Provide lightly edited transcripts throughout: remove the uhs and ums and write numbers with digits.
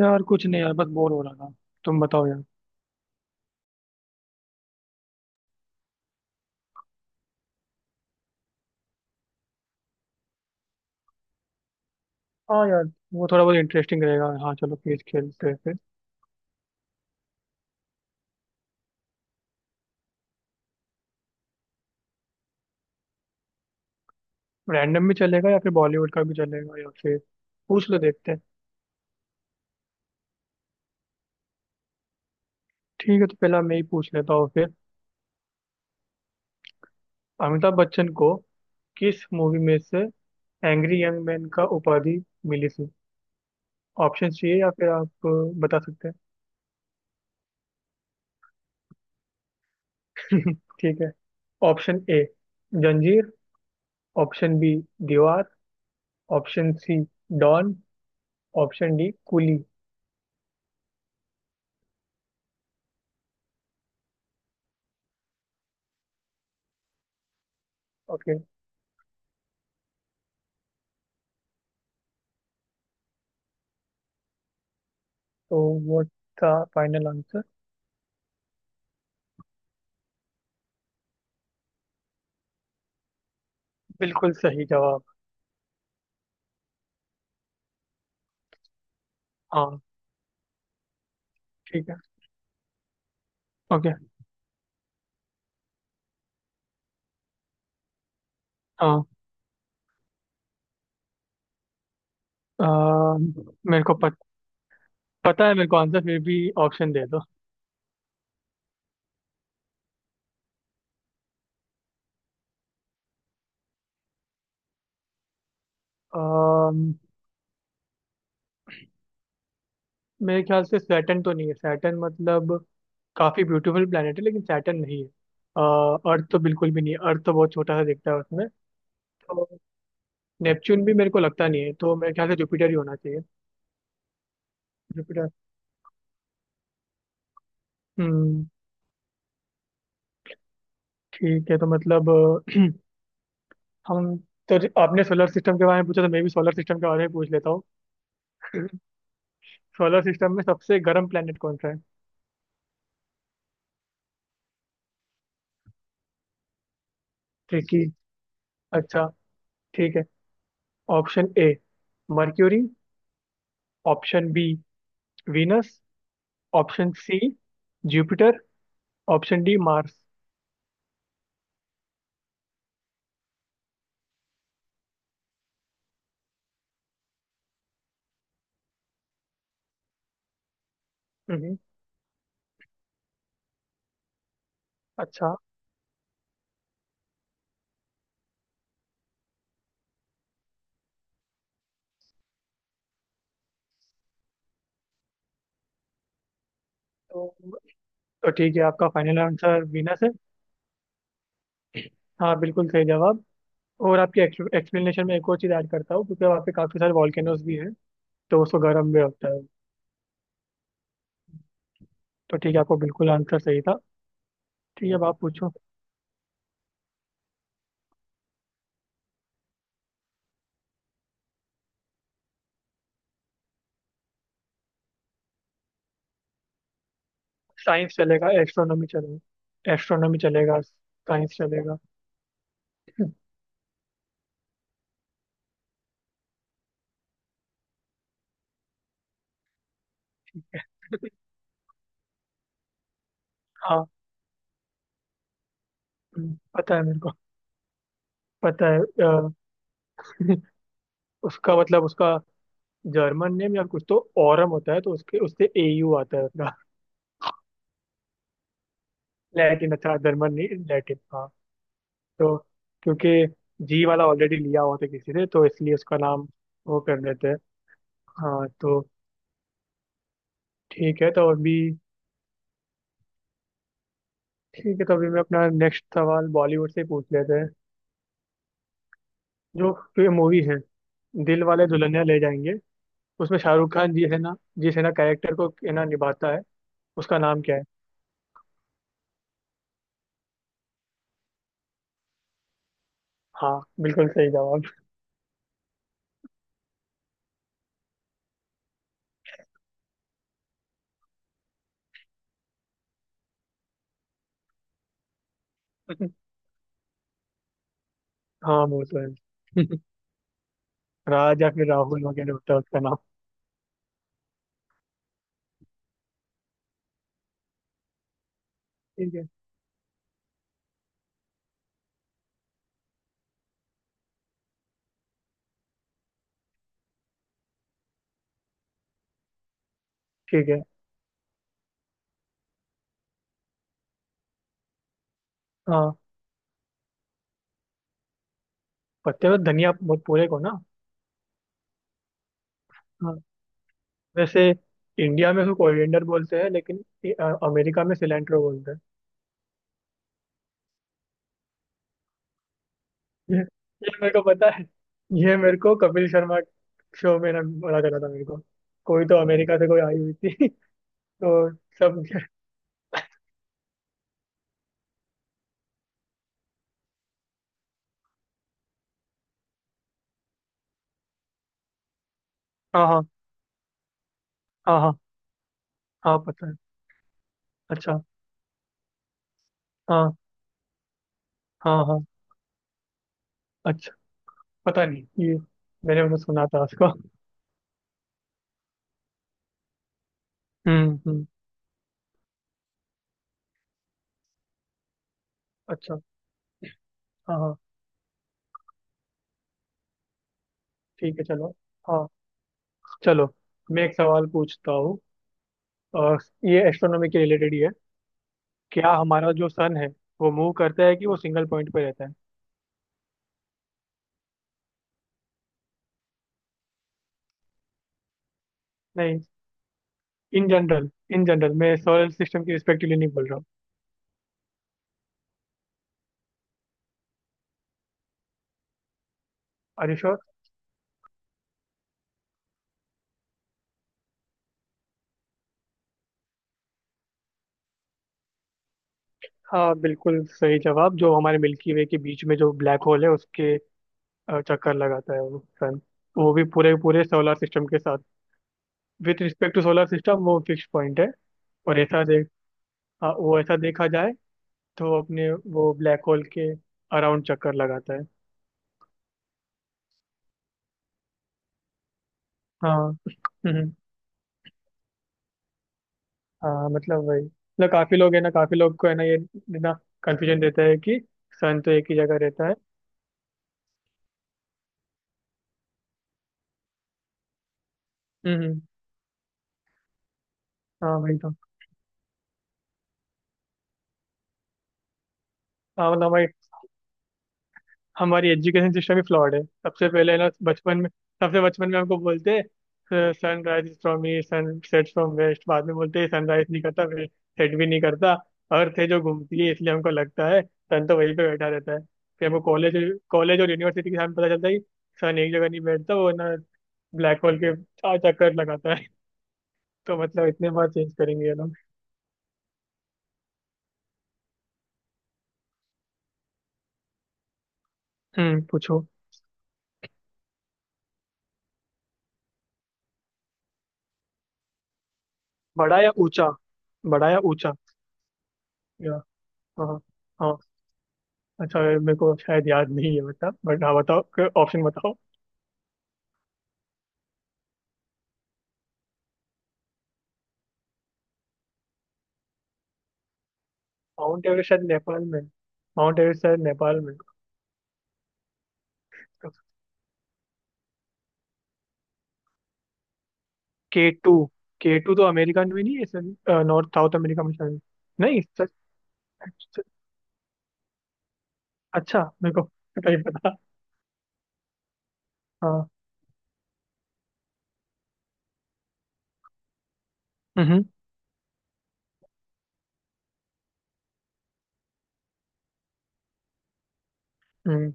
यार कुछ नहीं यार, बस बोर हो रहा था। तुम बताओ यार। हाँ यार, वो थोड़ा बहुत इंटरेस्टिंग रहेगा। हाँ चलो क्विज खेलते हैं फिर। रैंडम भी चलेगा, या फिर बॉलीवुड का भी चलेगा, या फिर पूछ लो, देखते हैं। ठीक है, तो पहला मैं ही पूछ लेता हूँ फिर। अमिताभ बच्चन को किस मूवी में से एंग्री यंग मैन का उपाधि मिली थी? ऑप्शन चाहिए या फिर आप बता सकते हैं? ठीक है। Option A Zanjeer. Option B Deewaar. Option C Don. Option D Coolie. Okay. तो वो था फाइनल आंसर? बिल्कुल सही जवाब। हाँ ठीक है। ओके। हाँ। अम, मेरे को पत, पता है मेरे को आंसर फिर भी। ऑप्शन दे दो। अम, मेरे ख्याल से सैटर्न तो नहीं है, सैटर्न मतलब काफी ब्यूटीफुल प्लेनेट है लेकिन सैटर्न नहीं है। अर्थ तो बिल्कुल भी नहीं है, अर्थ तो बहुत छोटा सा दिखता है उसमें। तो नेपच्यून भी मेरे को लगता नहीं है, तो मेरे ख्याल से जुपिटर ही होना चाहिए। जुपिटर। हम्म। ठीक है, तो मतलब हम तो आपने सोलर सिस्टम के बारे में पूछा, तो मैं भी सोलर सिस्टम के बारे में पूछ लेता हूँ। सोलर सिस्टम में सबसे गर्म प्लेनेट कौन सा है? ठीक है। अच्छा। ठीक है। Option A Mercury. Option B Venus. Option C Jupiter. Option D Mars. हम्म, अच्छा। तो तो ठीक है, आपका फाइनल आंसर वीनस है? हाँ बिल्कुल सही जवाब। और आपके एक्सप्लेनेशन में एक और चीज़ ऐड करता हूँ क्योंकि वहाँ पे काफ़ी सारे वॉल्केनोज भी हैं, तो उसको गर्म भी होता है। तो ठीक है, आपको बिल्कुल आंसर सही था। ठीक है, अब आप पूछो। साइंस चलेगा, एस्ट्रोनॉमी चलेगा, एस्ट्रोनॉमी चलेगा, साइंस चलेगा। हाँ। पता है मेरे को, पता है उसका मतलब उसका जर्मन नेम या कुछ तो ओरम होता है, तो उसके उससे एयू आता है उसका। लैटिन, अच्छा। जर्मन नहीं, लैटिन। हाँ। तो क्योंकि जी वाला ऑलरेडी लिया हुआ था किसी ने, तो इसलिए उसका नाम वो कर देते हैं। हाँ। ठीक है तो अभी ठीक है, तो अभी मैं अपना नेक्स्ट सवाल बॉलीवुड से ही पूछ लेते हैं। जो तो मूवी है दिल वाले दुल्हनिया ले जाएंगे, उसमें शाहरुख खान जी है ना, जिस है ना कैरेक्टर को है ना निभाता है, उसका नाम क्या है? हाँ बिल्कुल सही जवाब। हाँ वो तो है। राज या फिर राहुल वगैरह होता है उसका नाम। ठीक है। ठीक है। हाँ। पत्ते में धनिया बहुत पूरे को ना। हाँ, वैसे इंडिया में उसको कोरिएंडर बोलते हैं, लेकिन अमेरिका में सिलेंट्रो बोलते हैं। ये मेरे को पता है। ये मेरे को कपिल शर्मा शो में ना बोला चला था मेरे को। कोई तो अमेरिका से कोई आई हुई थी। तो सब। हाँ हाँ। हाँ हाँ। हाँ पता है। अच्छा। हाँ हाँ हाँ। अच्छा, पता नहीं ये, मैंने उन्हें सुना था उसको। हम्म। अच्छा। हाँ हाँ। ठीक है, चलो। हाँ चलो। मैं एक सवाल पूछता हूँ। अ, ये एस्ट्रोनॉमी के रिलेटेड ही है। क्या हमारा जो सन है वो मूव करता है कि वो सिंगल पॉइंट पे रहता है? नहीं। इन जनरल इन जनरल मैं सोलर सिस्टम के रिस्पेक्टिवली नहीं बोल रहा हूँ। अरे श्योर। हाँ बिल्कुल सही जवाब। जो हमारे मिल्की वे के बीच में जो ब्लैक होल है, उसके चक्कर लगाता है वो सन। वो भी पूरे पूरे सोलर सिस्टम के साथ। With respect to solar system वो फिक्स पॉइंट है। और ऐसा देख हाँ, वो ऐसा देखा जाए, तो अपने वो ब्लैक होल के अराउंड चक्कर लगाता है। हाँ। हम्म। हाँ मतलब वही, मतलब काफी लोग है ना, काफी लोग को है ना, ये ना कंफ्यूजन देता है कि सन तो एक ही जगह रहता है। हम्म। हाँ वही तो। हाँ मतलब हमारी हमारी एजुकेशन सिस्टम ही फ्लॉड है, सबसे पहले ना बचपन में। सबसे बचपन में हमको बोलते हैं sunrise is from east, sunset from west. बाद में बोलते हैं सनराइज नहीं करता, सेट भी नहीं करता, अर्थ है जो घूमती है, इसलिए हमको लगता है सन तो वहीं पे बैठा रहता है। फिर हमको कॉलेज कॉलेज और यूनिवर्सिटी के सामने पता चलता है कि सन एक जगह नहीं बैठता, वो ना ब्लैक होल के चार चक्कर लगाता है। तो मतलब इतने बार चेंज करेंगे ये लोग। हम्म, पूछो। बड़ा या ऊंचा? बड़ा या ऊंचा? या हाँ। हाँ। अच्छा ये मेरे को शायद याद नहीं है, बता बट हाँ बताओ, ऑप्शन बताओ। माउंट एवरेस्ट शायद नेपाल में है। माउंट एवरेस्ट शायद नेपाल में। K two. के टू तो अमेरिका में नहीं है, नॉर्थ साउथ अमेरिका में शायद। नहीं, सच? सच- अच्छा मेरे को नहीं पता। हाँ। हम्म हम्म।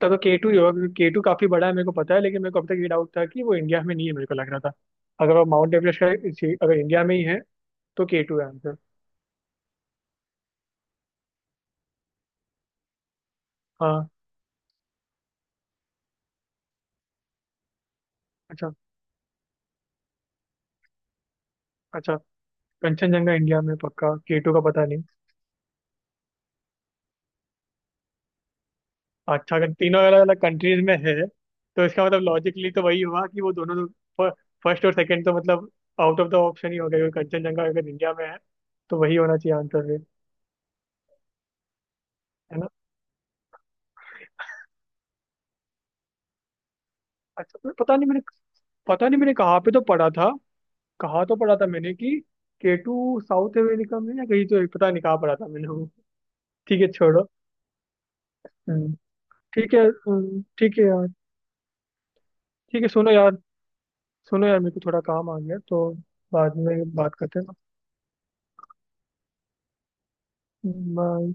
तब तो के टू ही होगा क्योंकि के टू काफी बड़ा है मेरे को पता है, लेकिन मेरे को अब तक ये डाउट था कि वो इंडिया में नहीं है, मेरे को लग रहा था। अगर वो माउंट एवरेस्ट का इसी- अगर इंडिया में ही है तो के टू है आंसर। हाँ। अच्छा। अच्छा कंचनजंगा इंडिया में पक्का, के टू का पता नहीं। अच्छा, अगर तीनों अलग अलग कंट्रीज में है, तो इसका मतलब लॉजिकली तो वही हुआ कि वो दोनों, फर्स्ट और सेकंड, तो मतलब आउट ऑफ द ऑप्शन ही हो गया, क्योंकि कंचनजंगा अगर इंडिया में है तो वही होना चाहिए आंसर फिर। है ना? अच्छा, तो पता नहीं मैंने कहाँ पे तो पढ़ा था, कहाँ तो पढ़ा था मैंने कि केटू साउथ अमेरिका में या कहीं, तो पता नहीं कहाँ पढ़ा था मैंने वो। ठीक है छोड़ो। हम्म, ठीक है। ठीक है यार। ठीक है, सुनो यार मेरे को थोड़ा काम आ गया, तो बाद में बात करते हैं ना। बाय।